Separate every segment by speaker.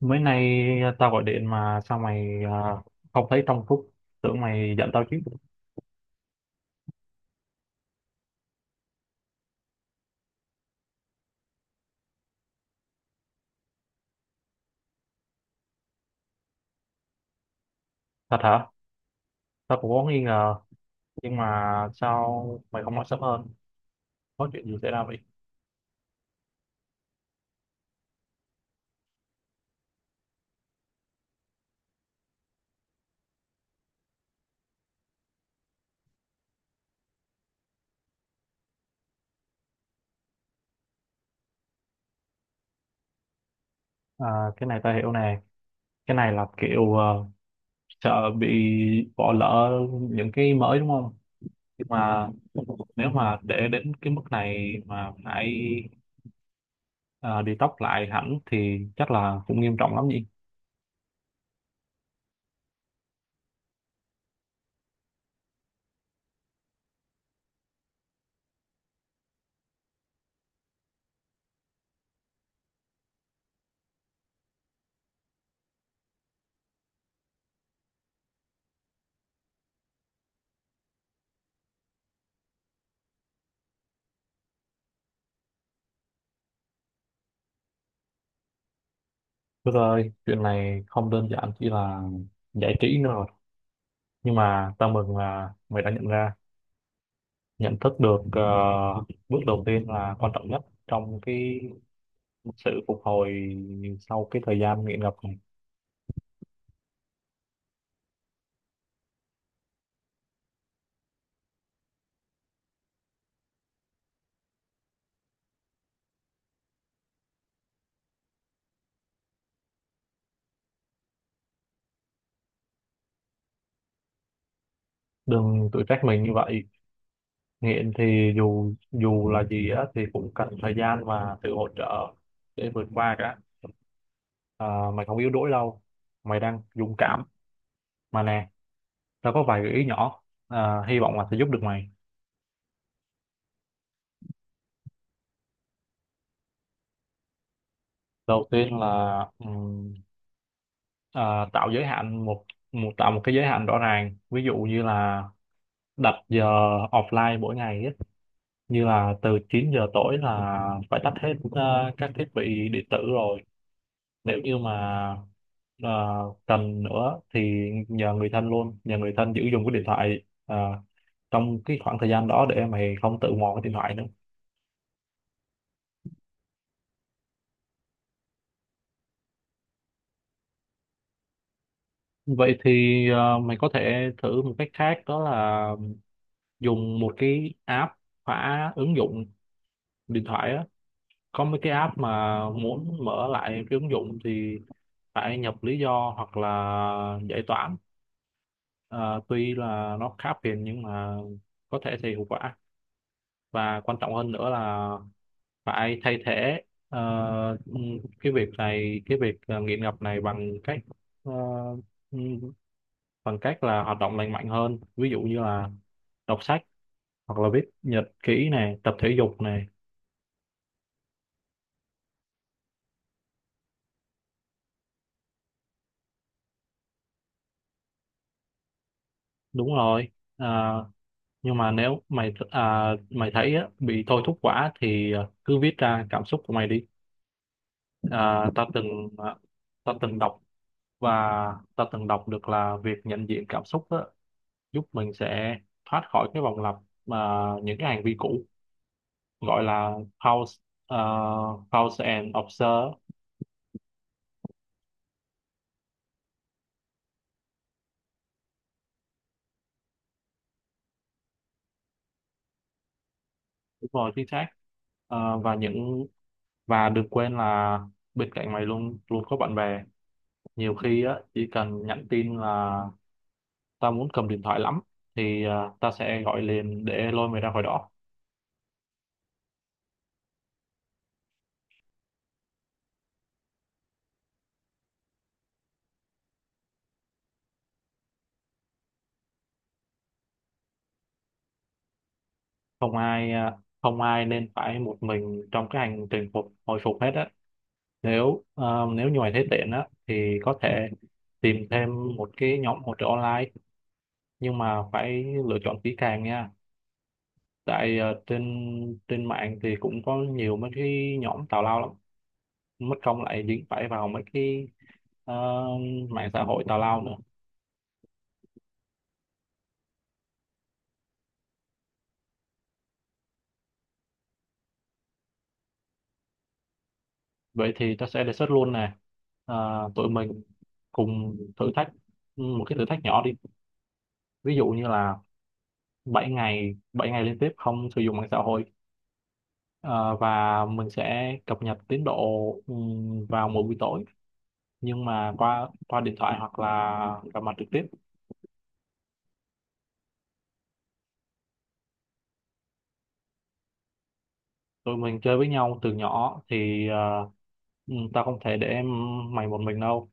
Speaker 1: Mới nay, tao gọi điện mà sao mày không thấy trong phút, tưởng mày giận tao chứ. Thật hả? Tao cũng có nghi ngờ, nhưng mà sao mày không nói sớm hơn? Có chuyện gì xảy ra vậy? À, cái này tao hiểu nè. Cái này là kiểu sợ bị bỏ lỡ những cái mới, đúng không? Nhưng mà nếu mà để đến cái mức này mà phải đi tóc lại hẳn thì chắc là cũng nghiêm trọng lắm nhỉ? Được rồi, chuyện này không đơn giản chỉ là giải trí nữa, nhưng mà tao mừng là mày đã nhận ra, nhận thức được ờ, Bước đầu tiên là quan trọng nhất trong cái sự phục hồi sau cái thời gian nghiện ngập này. Đừng tự trách mình như vậy, nghiện thì dù dù là gì á thì cũng cần thời gian và sự hỗ trợ để vượt qua cả. À, mày không yếu đuối đâu, mày đang dũng cảm mà nè, tao có vài gợi ý nhỏ, hy vọng là sẽ giúp được mày. Đầu tiên là Ờ, tạo giới hạn một, tạo một cái giới hạn rõ ràng, ví dụ như là đặt giờ offline mỗi ngày ấy. Như là từ 9 giờ tối là phải tắt hết các thiết bị điện tử rồi. Nếu như mà ờ, cần nữa thì nhờ người thân giữ dùng cái điện thoại trong cái khoảng thời gian đó để mày không tự mò cái điện thoại nữa. Vậy thì mày có thể thử một cách khác, đó là dùng một cái app khóa ứng dụng điện thoại á. Có mấy cái app mà muốn mở lại cái ứng dụng thì phải nhập lý do hoặc là giải toán. Ờ, tuy là nó khá phiền nhưng mà có thể thì hiệu quả. Và quan trọng hơn nữa là phải thay thế ờ, cái việc nghiện ngập này ờ, bằng cách là hoạt động lành mạnh hơn, ví dụ như là đọc sách hoặc là viết nhật ký này, tập thể dục này. Đúng rồi. Ờ, nhưng mà nếu mày thấy á, bị thôi thúc quá thì cứ viết ra cảm xúc của mày đi. À, ta từng à, ta từng đọc, và ta từng đọc được là việc nhận diện cảm xúc á, giúp mình sẽ thoát khỏi cái vòng lặp mà những cái hành vi cũ, gọi là pause, à, pause and observe. Đúng rồi, chính xác. À, và đừng quên là bên cạnh mày luôn luôn có bạn bè. Nhiều khi á, chỉ cần nhắn tin là tao muốn cầm điện thoại lắm thì tao sẽ gọi liền để lôi mày ra khỏi đó. Không ai à, không ai nên phải một mình trong cái hành trình phục hồi phục hết á. Nếu à, nếu như mày thấy tiện á thì có thể tìm thêm một cái nhóm hỗ trợ online, nhưng mà phải lựa chọn kỹ càng nha. Tại à, trên trên mạng thì cũng có nhiều mấy cái nhóm tào lao lắm, mất công lại dính phải vào mấy cái à, mạng xã hội tào lao nữa. Vậy thì ta sẽ đề xuất luôn nè. À, tụi mình cùng thử thách, một cái thử thách nhỏ đi. Ví dụ như là bảy ngày liên tiếp không sử dụng mạng xã hội. Ờ, và mình sẽ cập nhật tiến độ vào mỗi buổi tối, nhưng mà qua qua điện thoại hoặc là gặp mặt trực tiếp. Tụi mình chơi với nhau từ nhỏ thì tao không thể để mày một mình đâu.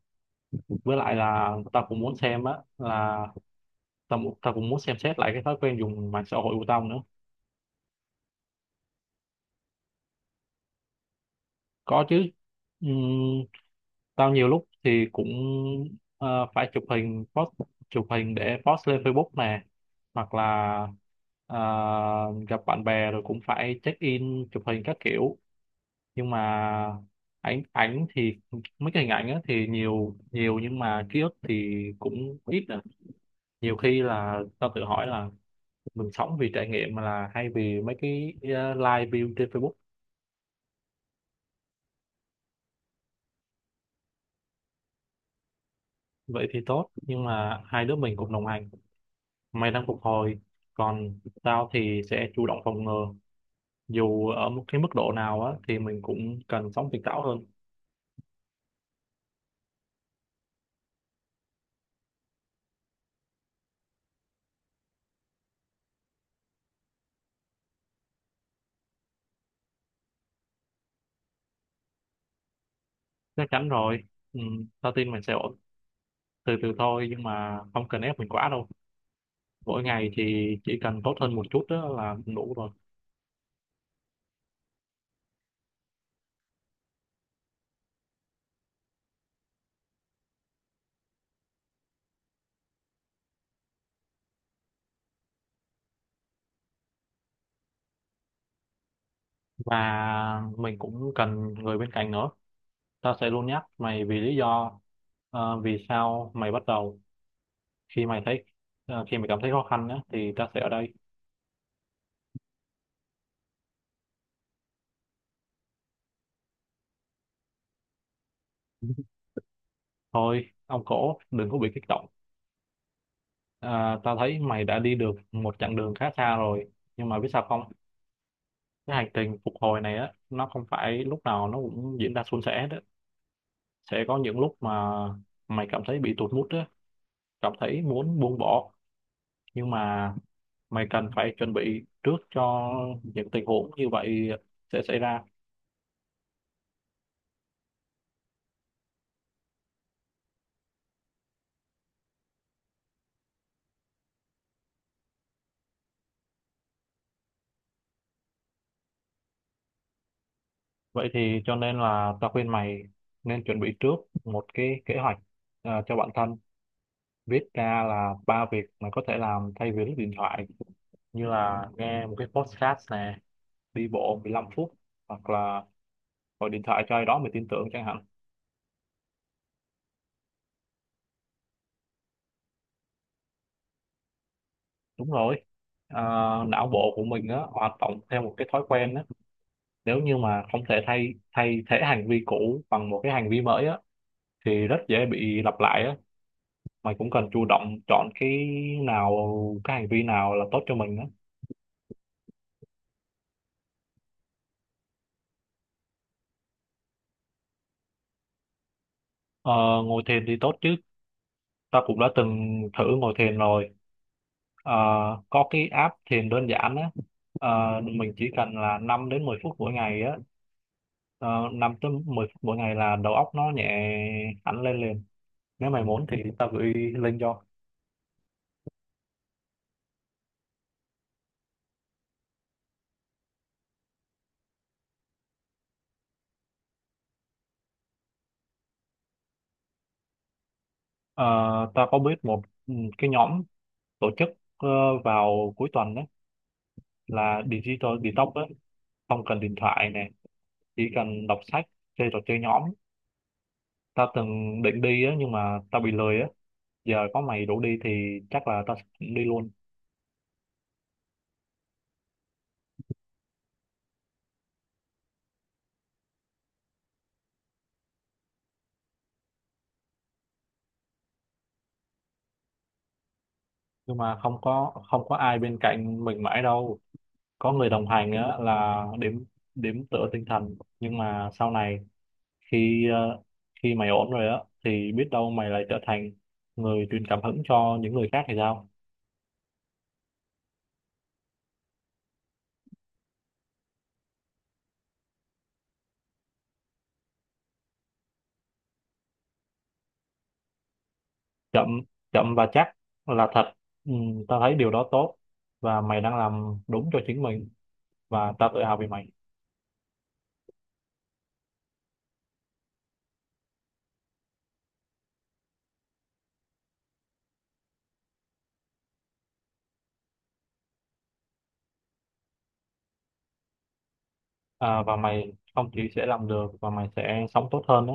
Speaker 1: Với lại là tao cũng muốn xem á là tao cũng muốn xem xét lại cái thói quen dùng mạng xã hội của tao nữa. Có chứ. Ừm, Tao nhiều lúc thì cũng phải chụp hình post chụp hình để post lên Facebook nè, hoặc là ờ, gặp bạn bè rồi cũng phải check in chụp hình các kiểu. Nhưng mà ảnh ảnh thì mấy cái hình ảnh á thì nhiều nhiều, nhưng mà ký ức thì cũng ít á. Nhiều khi là tao tự hỏi là mình sống vì trải nghiệm mà là hay vì mấy cái live view trên Facebook. Vậy thì tốt, nhưng mà hai đứa mình cùng đồng hành. Mày đang phục hồi, còn tao thì sẽ chủ động phòng ngừa. Dù ở một cái mức độ nào á thì mình cũng cần sống tỉnh táo hơn. Chắc chắn rồi, ừ, tao tin mình sẽ ổn. Từ từ thôi, nhưng mà không cần ép mình quá đâu. Mỗi ngày thì chỉ cần tốt hơn một chút đó là cũng đủ rồi. Và mình cũng cần người bên cạnh nữa. Tao sẽ luôn nhắc mày vì lý do ờ, vì sao mày bắt đầu. Khi mày thấy ờ, khi mày cảm thấy khó khăn á thì tao sẽ ở đây. Thôi ông cổ đừng có bị kích động. À, tao thấy mày đã đi được một chặng đường khá xa rồi, nhưng mà biết sao không, cái hành trình phục hồi này á nó không phải lúc nào nó cũng diễn ra suôn sẻ đó. Sẽ có những lúc mà mày cảm thấy bị tụt mood á, cảm thấy muốn buông bỏ, nhưng mà mày cần phải chuẩn bị trước cho những tình huống như vậy sẽ xảy ra. Vậy thì cho nên là tao khuyên mày nên chuẩn bị trước một cái kế hoạch cho bản thân. Viết ra là ba việc mà có thể làm thay vì lướt điện thoại, như là nghe một cái podcast nè, đi bộ 15 phút, hoặc là gọi điện thoại cho ai đó mình tin tưởng chẳng hạn. Đúng rồi. Ờ, não bộ của mình á hoạt động theo một cái thói quen á. Nếu như mà không thể thay thay thế hành vi cũ bằng một cái hành vi mới á thì rất dễ bị lặp lại á. Mày cũng cần chủ động chọn cái nào, cái hành vi nào là tốt cho mình á. Ờ, ngồi thiền thì tốt chứ, ta cũng đã từng thử ngồi thiền rồi. Ờ, có cái app thiền đơn giản á. Mình chỉ cần là 5 đến 10 phút mỗi ngày á 5 tới 10 phút mỗi ngày là đầu óc nó nhẹ hẳn lên liền. Nếu mày muốn thì tao gửi link cho. Ờ, tao có biết một cái nhóm tổ chức ờ, vào cuối tuần đấy là digital detox á, không cần điện thoại nè, chỉ cần đọc sách, chơi trò chơi nhóm. Tao từng định đi á, nhưng mà tao bị lười á. Giờ có mày rủ đi thì chắc là tao sẽ đi luôn. Nhưng mà không có ai bên cạnh mình mãi đâu. Có người đồng hành á là đếm đếm tựa tinh thần, nhưng mà sau này khi ờ, khi mày ổn rồi á thì biết đâu mày lại trở thành người truyền cảm hứng cho những người khác thì sao. Chậm chậm và chắc là thật. ừ, Tao thấy điều đó tốt, và mày đang làm đúng cho chính mình, và tao tự hào vì mày. Và mày không chỉ sẽ làm được, và mày sẽ sống tốt hơn đó.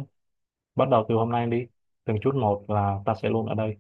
Speaker 1: Bắt đầu từ hôm nay đi, từng chút một, là ta sẽ luôn ở đây.